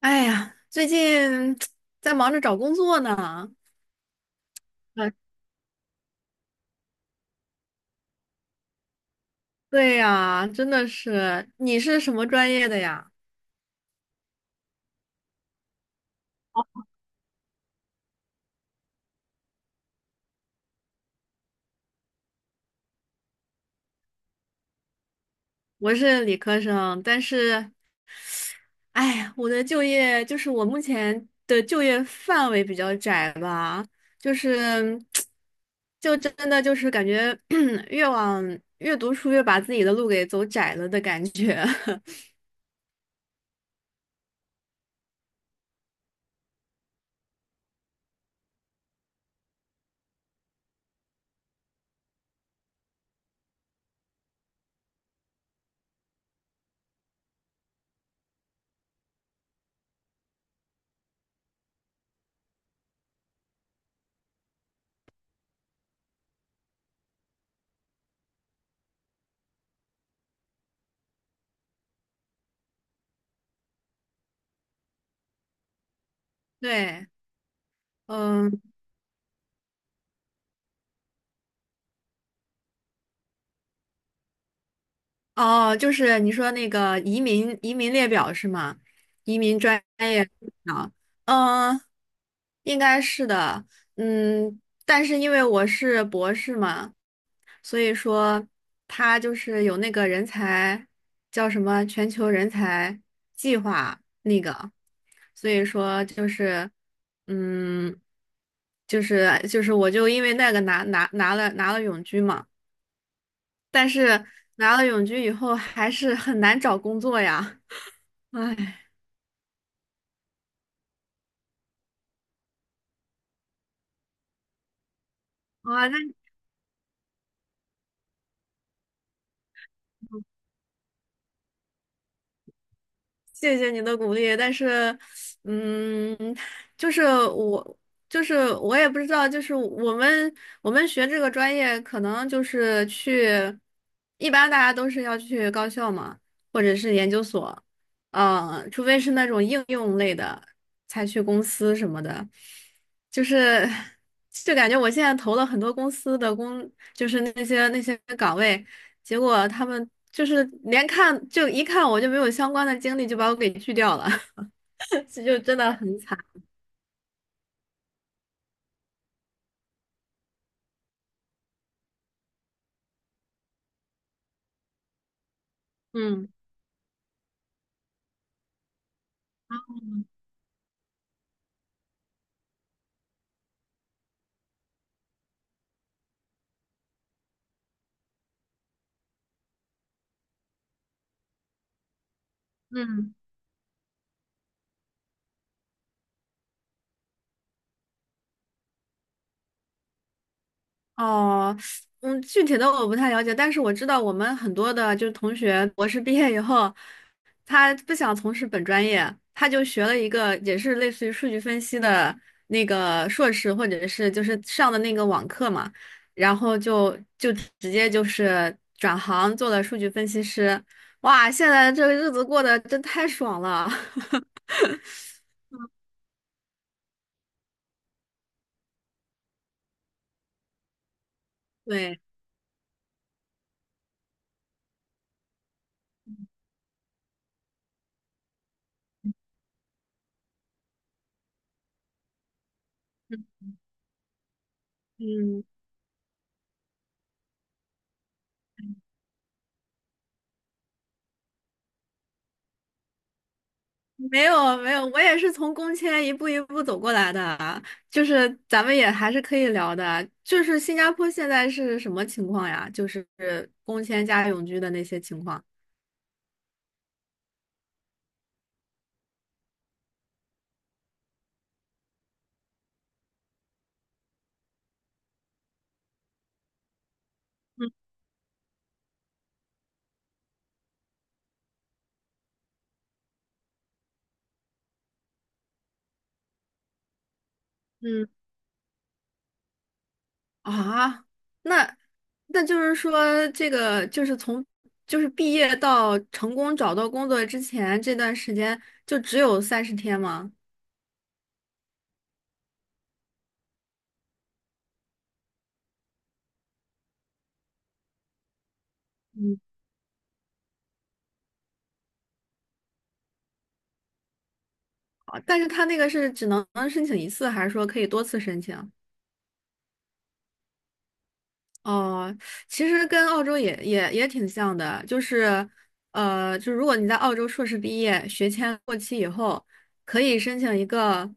哎呀，最近 在忙着找工作呢。啊，对呀，真的是。你是什么专业的呀？我是理科生，但是，哎呀，我的就业就是我目前的就业范围比较窄吧，就是，就真的就是感觉 越往越读书越把自己的路给走窄了的感觉。对，嗯。哦，就是你说那个移民列表是吗？移民专业啊，嗯，应该是的，嗯，但是因为我是博士嘛，所以说他就是有那个人才叫什么全球人才计划那个，所以说就是，嗯，就是我就因为那个拿了永居嘛。但是拿了永居以后还是很难找工作呀。唉，哇，那谢谢你的鼓励，但是，嗯，就是我，就是我也不知道，就是我们学这个专业，可能就是去，一般大家都是要去高校嘛，或者是研究所，嗯，除非是那种应用类的，才去公司什么的，就是就感觉我现在投了很多公司的工，就是那些岗位。结果他们就是连看就一看我就没有相关的经历，就把我给拒掉了，这就真的很惨。嗯嗯。哦，嗯，具体的我不太了解，但是我知道我们很多的就是同学，博士毕业以后，他不想从事本专业，他就学了一个也是类似于数据分析的那个硕士，或者是就是上的那个网课嘛，然后就直接就是转行做了数据分析师，哇，现在这个日子过得真太爽了，对，嗯。没有没有，我也是从工签一步一步走过来的，就是咱们也还是可以聊的。就是新加坡现在是什么情况呀？就是工签加永居的那些情况。嗯嗯啊，那那就是说，这个就是从就是毕业到成功找到工作之前这段时间，就只有30天吗？嗯，啊但是他那个是只能申请一次，还是说可以多次申请？哦，其实跟澳洲也挺像的，就是，就如果你在澳洲硕士毕业，学签过期以后，可以申请一个，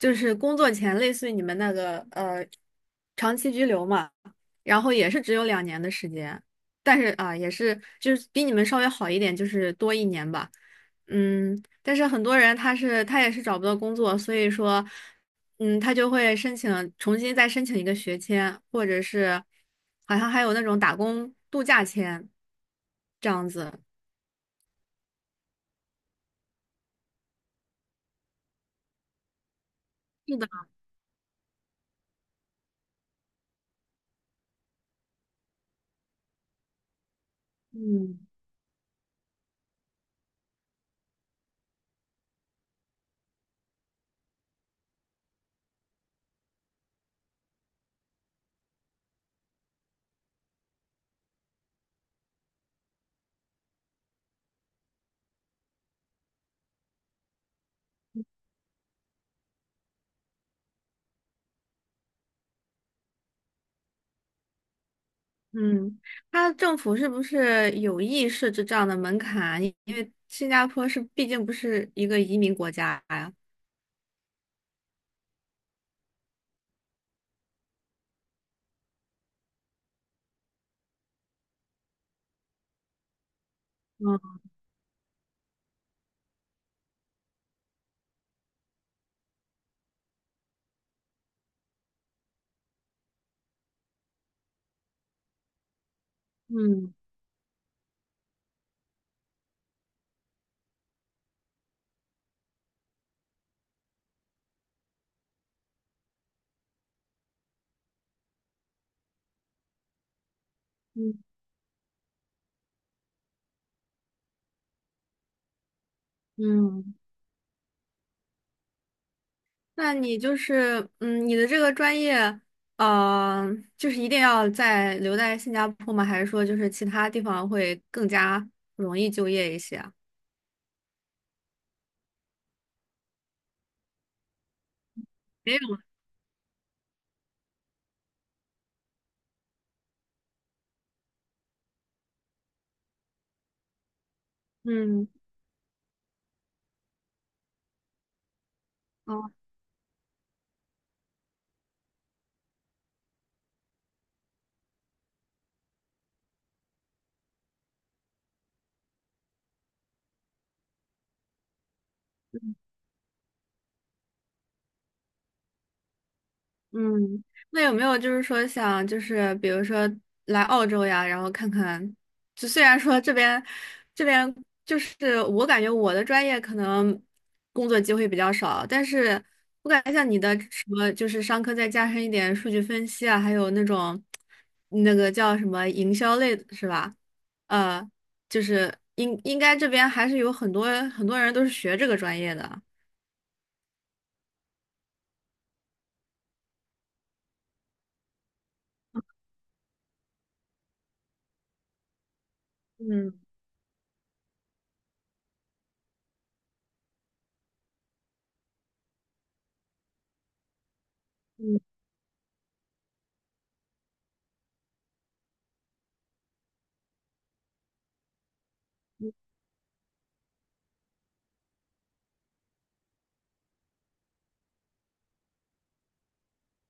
就是工作前类似于你们那个长期居留嘛，然后也是只有2年的时间，但是啊、也是就是比你们稍微好一点，就是多一年吧，嗯，但是很多人他也是找不到工作，所以说。嗯，他就会申请重新再申请一个学签，或者是好像还有那种打工度假签这样子。是的，嗯嗯，他政府是不是有意设置这样的门槛？因为新加坡是毕竟不是一个移民国家呀。嗯嗯嗯嗯。那你就是，嗯，你的这个专业，呃，就是一定要留在新加坡吗？还是说就是其他地方会更加容易就业一些啊没有，嗯，哦嗯，那有没有就是说想就是比如说来澳洲呀，然后看看，就虽然说这边就是我感觉我的专业可能工作机会比较少，但是我感觉像你的什么就是商科再加深一点数据分析啊，还有那种那个叫什么营销类的是吧？呃，就是应该这边还是有很多很多人都是学这个专业的。嗯。嗯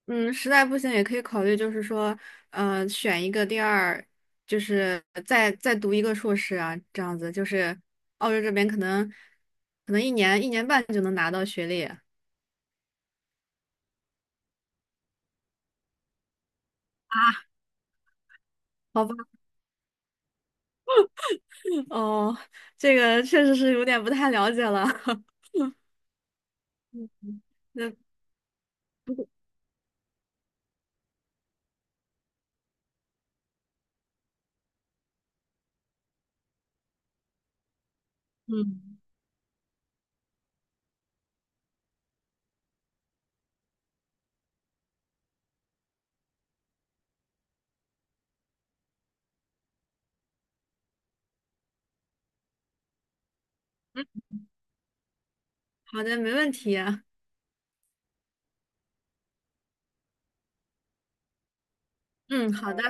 嗯，实在不行也可以考虑，就是说，选一个第二，就是再读一个硕士啊，这样子，就是澳洲这边可能一年1年半就能拿到学历，啊，好吧？哦，这个确实是有点不太了解了，那好的，没问题。嗯，好的，